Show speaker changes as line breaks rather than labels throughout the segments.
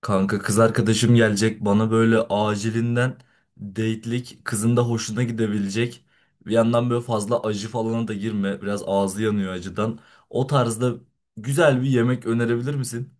Kanka kız arkadaşım gelecek bana böyle acilinden date'lik kızın da hoşuna gidebilecek. Bir yandan böyle fazla acı falana da girme. Biraz ağzı yanıyor acıdan. O tarzda güzel bir yemek önerebilir misin?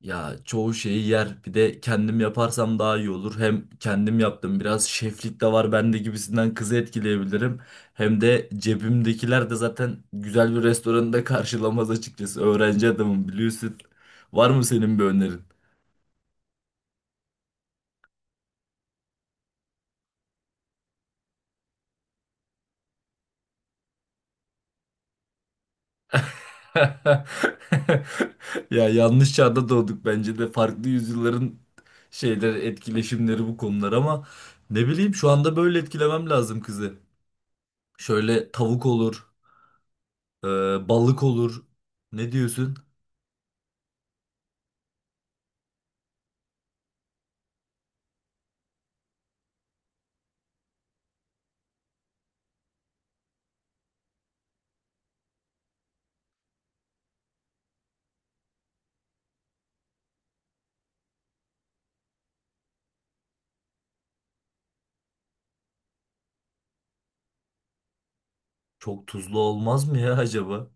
Ya çoğu şeyi yer. Bir de kendim yaparsam daha iyi olur. Hem kendim yaptım biraz şeflik de var bende gibisinden kızı etkileyebilirim. Hem de cebimdekiler de zaten güzel bir restoranda karşılamaz açıkçası. Öğrenci adamım biliyorsun. Var mı senin bir önerin? Ya yanlış çağda doğduk bence de farklı yüzyılların şeyleri etkileşimleri bu konular ama ne bileyim şu anda böyle etkilemem lazım kızı. Şöyle tavuk olur, e, balık olur. Ne diyorsun? Çok tuzlu olmaz mı ya acaba?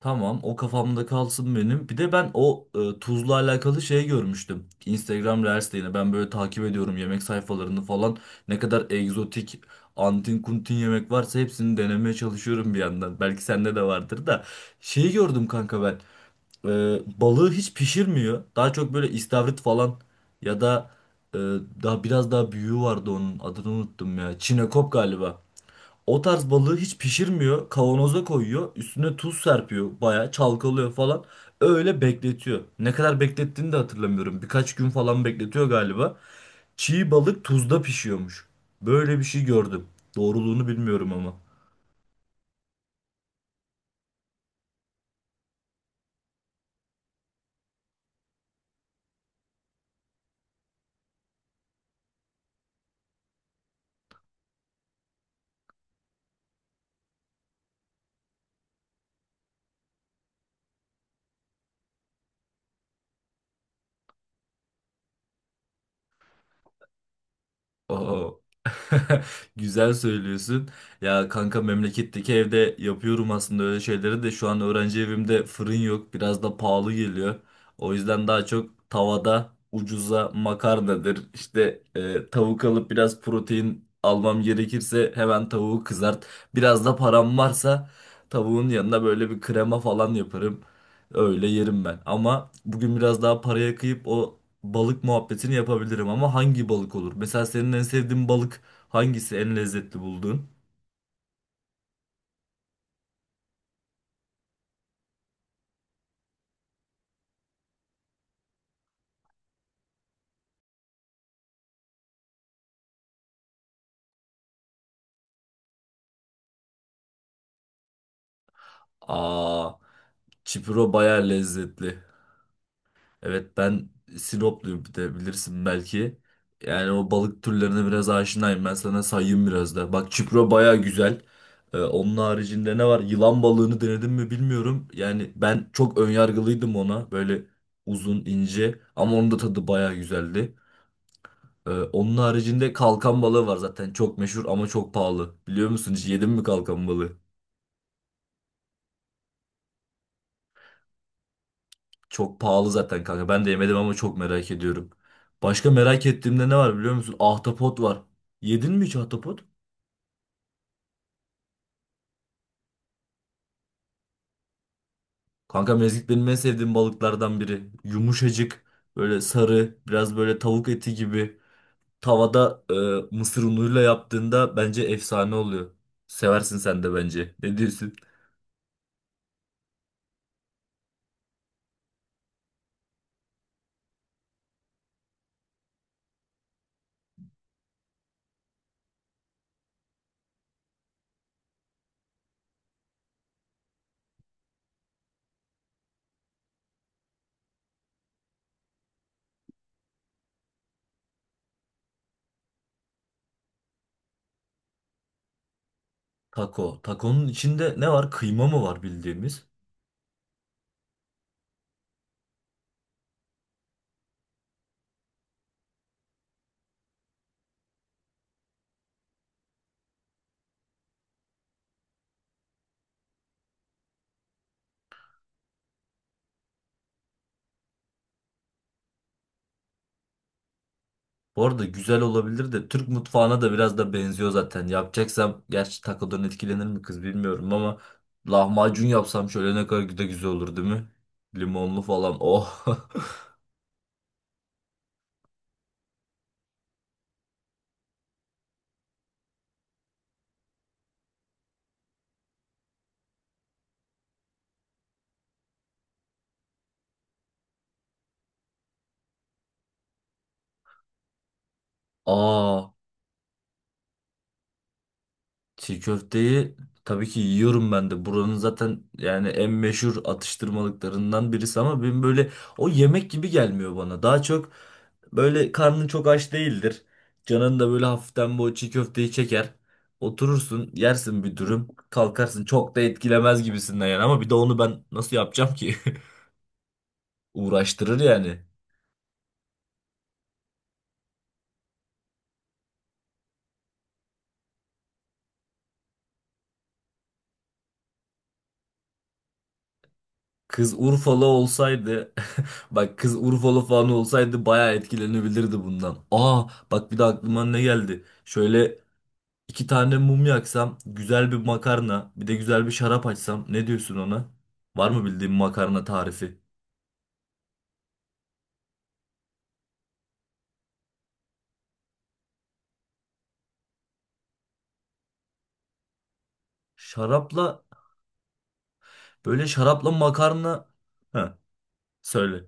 Tamam o kafamda kalsın benim. Bir de ben o tuzla alakalı şey görmüştüm. Instagram Reels'te yine ben böyle takip ediyorum yemek sayfalarını falan. Ne kadar egzotik antin kuntin yemek varsa hepsini denemeye çalışıyorum bir yandan. Belki sende de vardır da. Şeyi gördüm kanka ben. E, Balığı hiç pişirmiyor. Daha çok böyle istavrit falan ya da e, daha biraz daha büyüğü vardı onun adını unuttum ya. Çinekop galiba. O tarz balığı hiç pişirmiyor. Kavanoza koyuyor. Üstüne tuz serpiyor. Bayağı çalkalıyor falan. Öyle bekletiyor. Ne kadar beklettiğini de hatırlamıyorum. Birkaç gün falan bekletiyor galiba. Çiğ balık tuzda pişiyormuş. Böyle bir şey gördüm. Doğruluğunu bilmiyorum ama. Aa. Güzel söylüyorsun. Ya kanka memleketteki evde yapıyorum aslında öyle şeyleri de şu an öğrenci evimde fırın yok. Biraz da pahalı geliyor. O yüzden daha çok tavada ucuza makarnadır. İşte tavuk alıp biraz protein almam gerekirse hemen tavuğu kızart. Biraz da param varsa tavuğun yanına böyle bir krema falan yaparım. Öyle yerim ben. Ama bugün biraz daha paraya kıyıp o balık muhabbetini yapabilirim ama hangi balık olur? Mesela senin en sevdiğin balık hangisi? En lezzetli bulduğun? Aa, çipuro bayağı lezzetli. Evet ben Sinopluyum bir de bilirsin belki. Yani o balık türlerine biraz aşinayım. Ben sana sayayım biraz da. Bak çipuro bayağı güzel. Onun haricinde ne var? Yılan balığını denedim mi bilmiyorum. Yani ben çok önyargılıydım ona. Böyle uzun, ince ama onun da tadı bayağı güzeldi. Onun haricinde kalkan balığı var zaten. Çok meşhur ama çok pahalı. Biliyor musun hiç yedin mi kalkan balığı? Çok pahalı zaten kanka. Ben de yemedim ama çok merak ediyorum. Başka merak ettiğimde ne var biliyor musun? Ahtapot var. Yedin mi hiç ahtapot? Kanka mezgit benim en sevdiğim balıklardan biri. Yumuşacık, böyle sarı, biraz böyle tavuk eti gibi. Tavada mısır unuyla yaptığında bence efsane oluyor. Seversin sen de bence. Ne diyorsun? Taco. Taco'nun içinde ne var? Kıyma mı var bildiğimiz? Bu arada güzel olabilir de Türk mutfağına da biraz da benziyor zaten. Yapacaksam gerçi takodan etkilenir mi kız bilmiyorum ama lahmacun yapsam şöyle ne kadar da güzel olur değil mi? Limonlu falan. Oh. Aa, çiğ köfteyi tabii ki yiyorum ben de. Buranın zaten yani en meşhur atıştırmalıklarından birisi ama benim böyle o yemek gibi gelmiyor bana. Daha çok böyle karnın çok aç değildir. Canın da böyle hafiften bu çiğ köfteyi çeker. Oturursun, yersin bir dürüm, kalkarsın. Çok da etkilemez gibisinden yani ama bir de onu ben nasıl yapacağım ki? Uğraştırır yani. Kız Urfalı olsaydı bak kız Urfalı falan olsaydı bayağı etkilenebilirdi bundan. Aa, bak bir de aklıma ne geldi. Şöyle iki tane mum yaksam, güzel bir makarna, bir de güzel bir şarap açsam ne diyorsun ona? Var mı bildiğin makarna tarifi? Şarapla böyle şarapla makarna. Heh, söyle.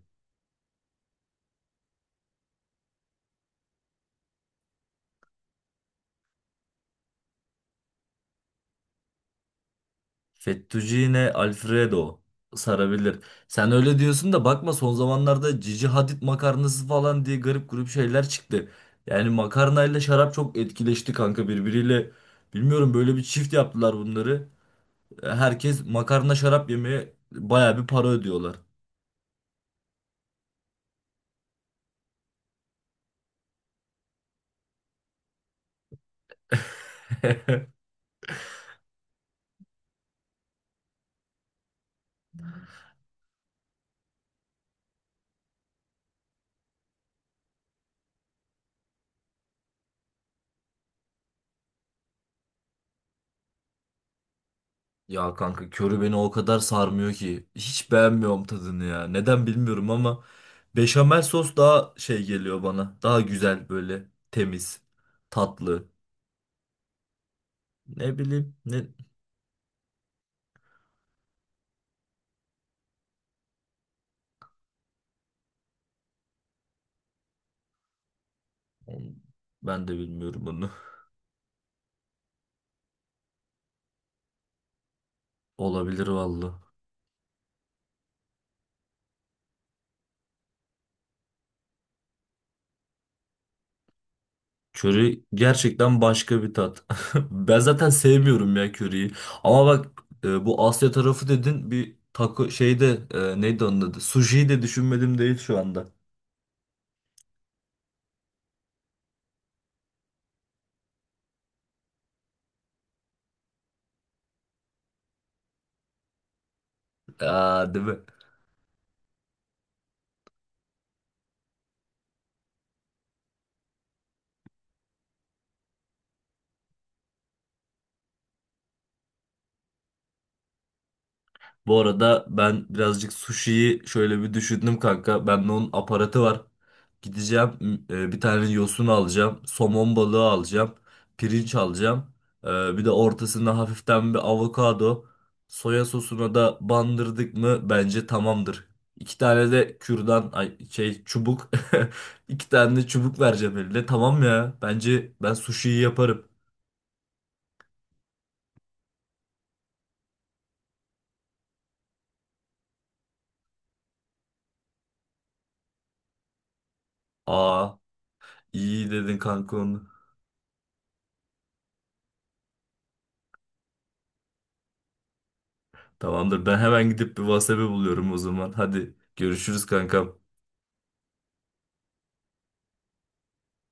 Fettuccine Alfredo sarabilir. Sen öyle diyorsun da bakma son zamanlarda Cici Hadid makarnası falan diye garip grup şeyler çıktı. Yani makarnayla şarap çok etkileşti kanka birbiriyle. Bilmiyorum böyle bir çift yaptılar bunları. Herkes makarna şarap yemeye baya bir para ödüyorlar. Ya kanka körü beni o kadar sarmıyor ki. Hiç beğenmiyorum tadını ya. Neden bilmiyorum ama beşamel sos daha şey geliyor bana. Daha güzel böyle temiz, tatlı. Ne bileyim ne ben de bilmiyorum bunu. Olabilir valla. Köri gerçekten başka bir tat. Ben zaten sevmiyorum ya köriyi. Ama bak bu Asya tarafı dedin bir taco şeyde neydi onun adı? Sushi de düşünmedim değil şu anda. Aa, değil mi? Bu arada ben birazcık sushi'yi şöyle bir düşündüm kanka. Bende onun aparatı var. Gideceğim bir tane yosun alacağım. Somon balığı alacağım. Pirinç alacağım. E, Bir de ortasında hafiften bir avokado. Soya sosuna da bandırdık mı bence tamamdır. İki tane de kürdan ay, şey çubuk. İki tane de çubuk vereceğim eline. Tamam ya. Bence ben sushi'yi yaparım. Aa, iyi dedin kanka onu. Tamamdır. Ben hemen gidip bir WhatsApp'ı buluyorum o zaman. Hadi görüşürüz kankam.